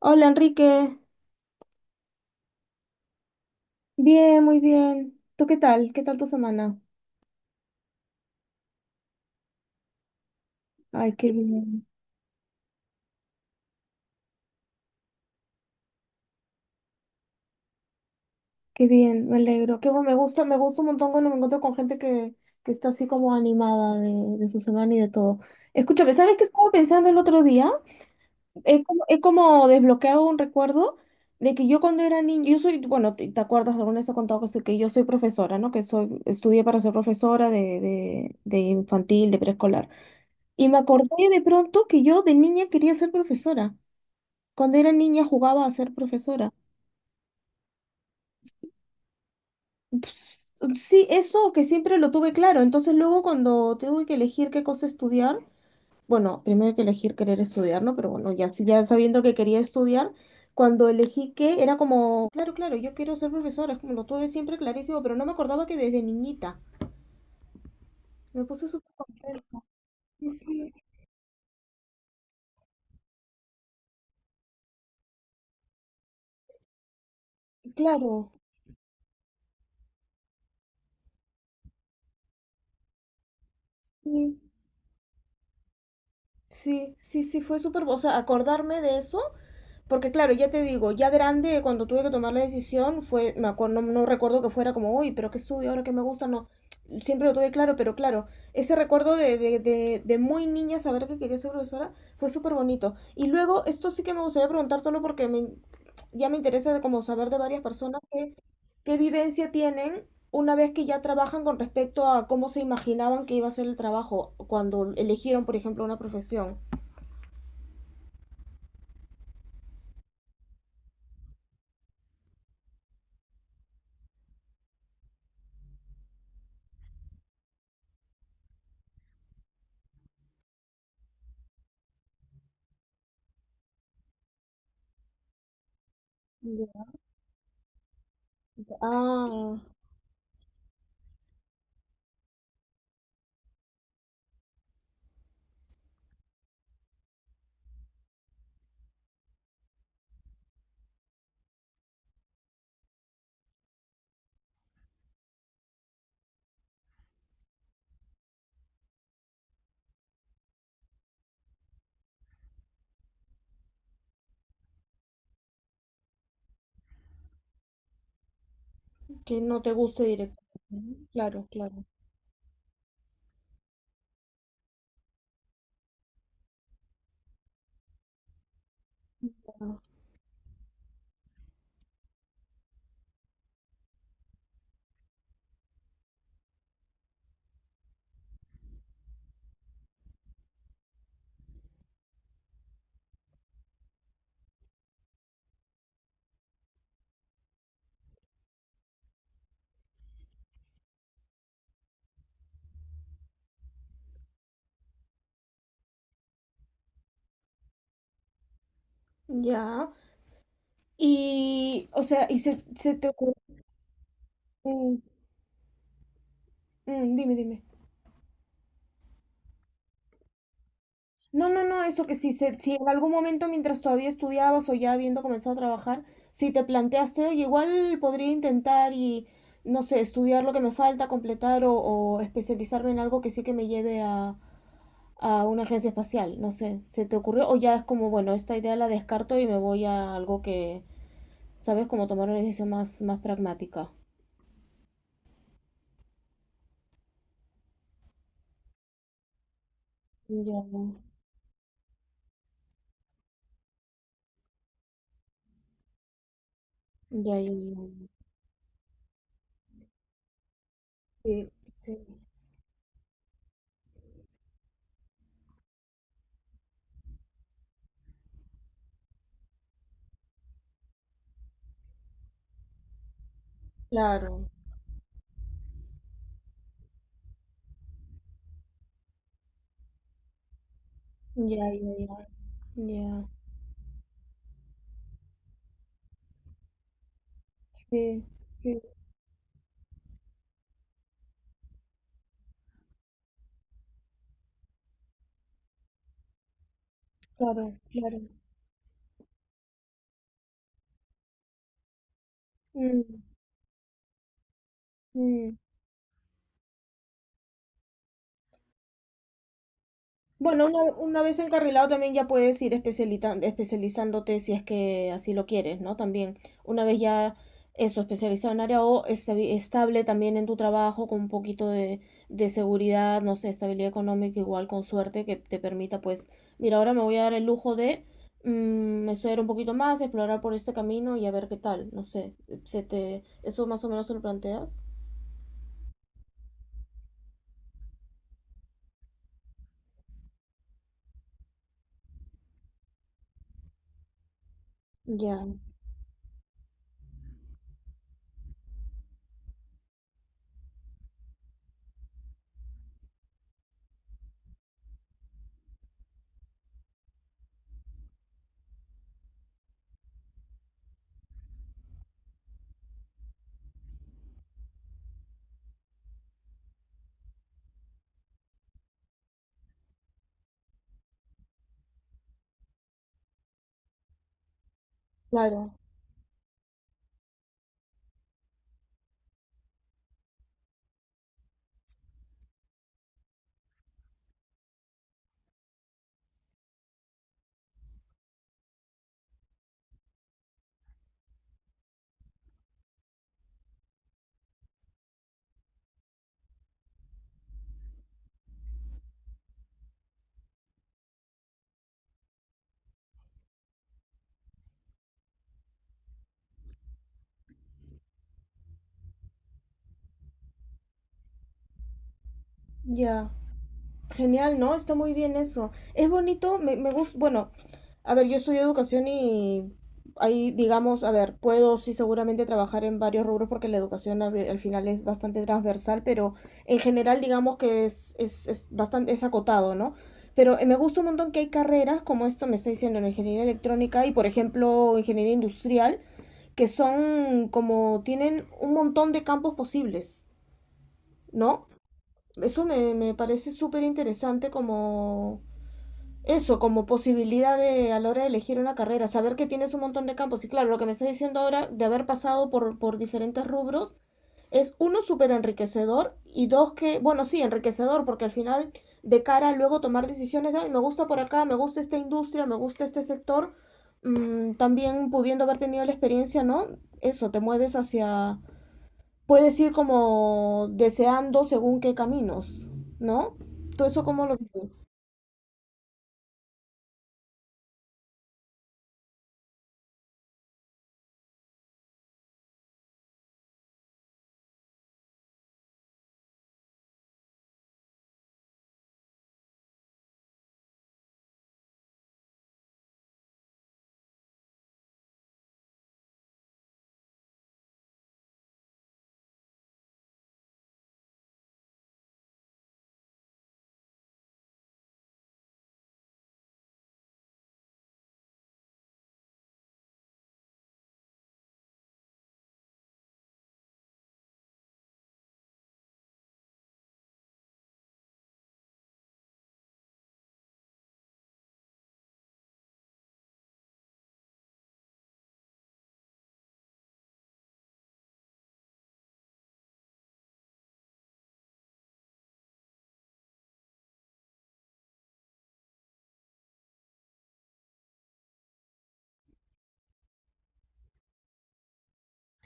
Hola Enrique, bien, muy bien. ¿Tú qué tal? ¿Qué tal tu semana? Ay, qué bien, me alegro. Qué bueno, me gusta un montón cuando me encuentro con gente que está así como animada de su semana y de todo. Escúchame, ¿sabes qué estaba pensando el otro día? He como desbloqueado un recuerdo de que yo cuando era niña, yo soy, bueno, te acuerdas, alguna vez he contado que soy, que yo soy profesora, ¿no? Que soy, estudié para ser profesora de, de infantil, de preescolar. Y me acordé de pronto que yo de niña quería ser profesora. Cuando era niña jugaba a ser profesora. Ps- Sí, eso que siempre lo tuve claro. Entonces luego cuando tuve que elegir qué cosa estudiar, bueno, primero hay que elegir querer estudiar, ¿no? Pero bueno, ya, ya sabiendo que quería estudiar, cuando elegí qué, era como, claro, claro, yo quiero ser profesora, es como lo tuve siempre clarísimo, pero no me acordaba que desde niñita. Me puse súper contenta. Sí, sí, claro. Sí, sí, sí, sí, fue súper, o sea, acordarme de eso. Porque claro, ya te digo, ya grande, cuando tuve que tomar la decisión, fue, me acuerdo, no, no recuerdo que fuera como, uy, pero qué sube, ahora que me gusta, no. Siempre lo tuve claro, pero claro, ese recuerdo de muy niña saber que quería ser profesora fue súper bonito. Y luego, esto sí que me gustaría preguntártelo porque me, ya me interesa de como saber de varias personas que, qué vivencia tienen una vez que ya trabajan con respecto a cómo se imaginaban que iba a ser el trabajo cuando eligieron, por ejemplo, una profesión. Ya. Ah. Que no te guste directamente. Claro, claro. Claro. Ya. Y, o sea, y se te ocurre. mm, dime, dime. No, no, no, eso que si, se, si en algún momento mientras todavía estudiabas o ya habiendo comenzado a trabajar, si te planteaste, oye, igual podría intentar y, no sé, estudiar lo que me falta, completar o especializarme en algo que sí que me lleve a una agencia espacial, no sé, ¿se te ocurrió? O ya es como, bueno, esta idea la descarto y me voy a algo que, ¿sabes? Como tomar una decisión más, más pragmática. Ya, ya, ya, ya. Sí, sí, claro. Ya, ya, ya, ya. Sí, sí, claro, claro. Mm, mm. Bueno, una vez encarrilado también ya puedes ir especializándote si es que así lo quieres, ¿no? También, una vez ya eso, especializado en área o estable también en tu trabajo, con un poquito de seguridad, no sé, estabilidad económica, igual con suerte, que te permita, pues, mira, ahora me voy a dar el lujo de estudiar un poquito más, explorar por este camino y a ver qué tal, no sé, se te, eso más o menos te lo planteas. Ya, claro, ya. Genial, ¿no? Está muy bien eso. Es bonito, me gusta, bueno, a ver, yo estudio educación y ahí, digamos, a ver, puedo sí seguramente trabajar en varios rubros porque la educación al final es bastante transversal, pero en general digamos que es bastante, es acotado, ¿no? Pero me gusta un montón que hay carreras, como esto me está diciendo, en ingeniería electrónica y, por ejemplo, ingeniería industrial, que son como, tienen un montón de campos posibles, ¿no? Eso me, me parece súper interesante como eso, como posibilidad de a la hora de elegir una carrera, saber que tienes un montón de campos. Y claro, lo que me estás diciendo ahora de haber pasado por diferentes rubros es uno súper enriquecedor y dos que, bueno, sí, enriquecedor porque al final de cara a luego tomar decisiones de, "Ay, me gusta por acá, me gusta esta industria, me gusta este sector, también pudiendo haber tenido la experiencia, ¿no? Eso, te mueves hacia puedes ir como deseando según qué caminos, ¿no? ¿Tú eso cómo lo vives?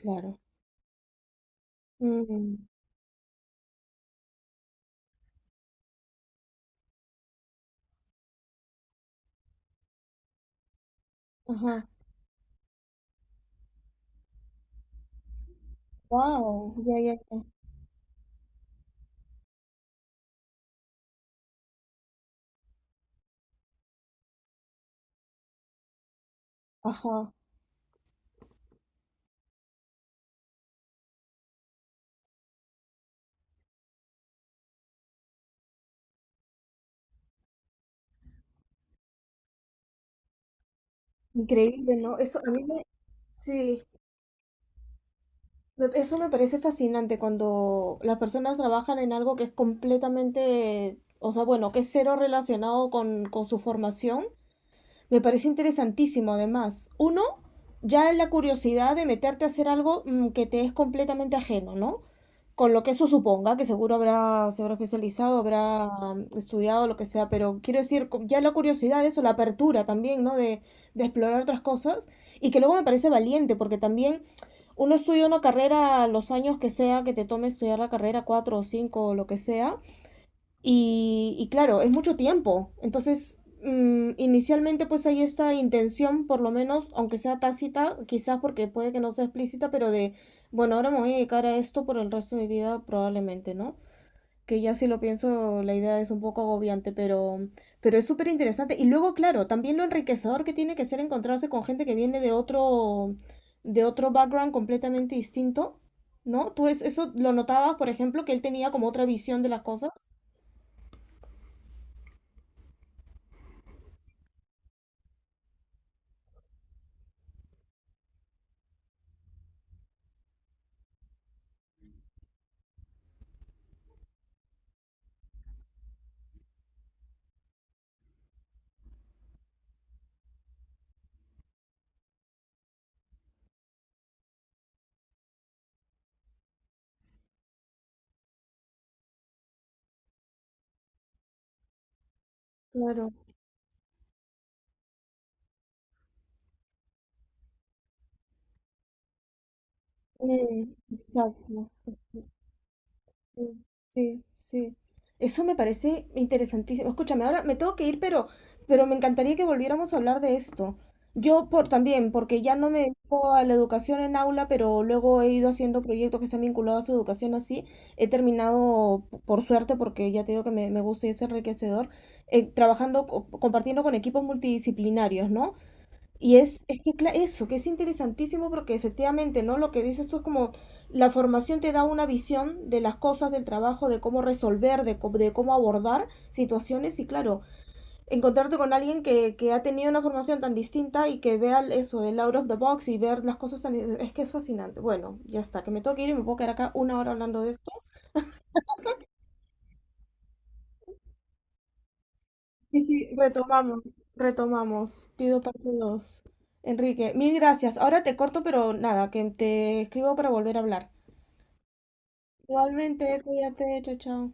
Claro. Mm, ajá. Wow. Ya, ya, ya. Ajá. Increíble, ¿no? Eso a mí me, sí, eso me parece fascinante cuando las personas trabajan en algo que es completamente, o sea, bueno, que es cero relacionado con su formación. Me parece interesantísimo, además. Uno, ya la curiosidad de meterte a hacer algo que te es completamente ajeno, ¿no? Con lo que eso suponga, que seguro habrá, se habrá especializado, habrá estudiado, lo que sea, pero quiero decir, ya la curiosidad de eso, la apertura también, ¿no? De explorar otras cosas. Y que luego me parece valiente, porque también uno estudia una carrera los años que sea, que te tome estudiar la carrera, cuatro o cinco o lo que sea, y claro, es mucho tiempo. Entonces, inicialmente pues hay esta intención, por lo menos, aunque sea tácita, quizás porque puede que no sea explícita, pero de, bueno, ahora me voy a dedicar a esto por el resto de mi vida probablemente, ¿no? Que ya si lo pienso, la idea es un poco agobiante, pero es súper interesante. Y luego, claro, también lo enriquecedor que tiene que ser encontrarse con gente que viene de otro background completamente distinto, ¿no? Tú es, eso lo notabas, por ejemplo, que él tenía como otra visión de las cosas. Claro. Mm, exacto. Mm, sí, sí. Eso me parece interesantísimo. Escúchame, ahora me tengo que ir, pero me encantaría que volviéramos a hablar de esto. Yo por también, porque ya no me dedico a la educación en aula, pero luego he ido haciendo proyectos que se han vinculado a su educación así. He terminado, por suerte, porque ya te digo que me gusta y es enriquecedor, trabajando, compartiendo con equipos multidisciplinarios, ¿no? Y es que eso, que es interesantísimo porque efectivamente, ¿no? Lo que dices tú es como la formación te da una visión de las cosas, del trabajo, de cómo resolver, de, de cómo abordar situaciones y claro, encontrarte con alguien que ha tenido una formación tan distinta y que vea eso del out of the box y ver las cosas tan, es que es fascinante. Bueno, ya está, que me tengo que ir y me puedo quedar acá 1 hora hablando de esto. Y sí, retomamos, retomamos. Pido parte 2 Enrique, mil gracias. Ahora te corto, pero nada, que te escribo para volver a hablar. Igualmente, cuídate, chao, chao.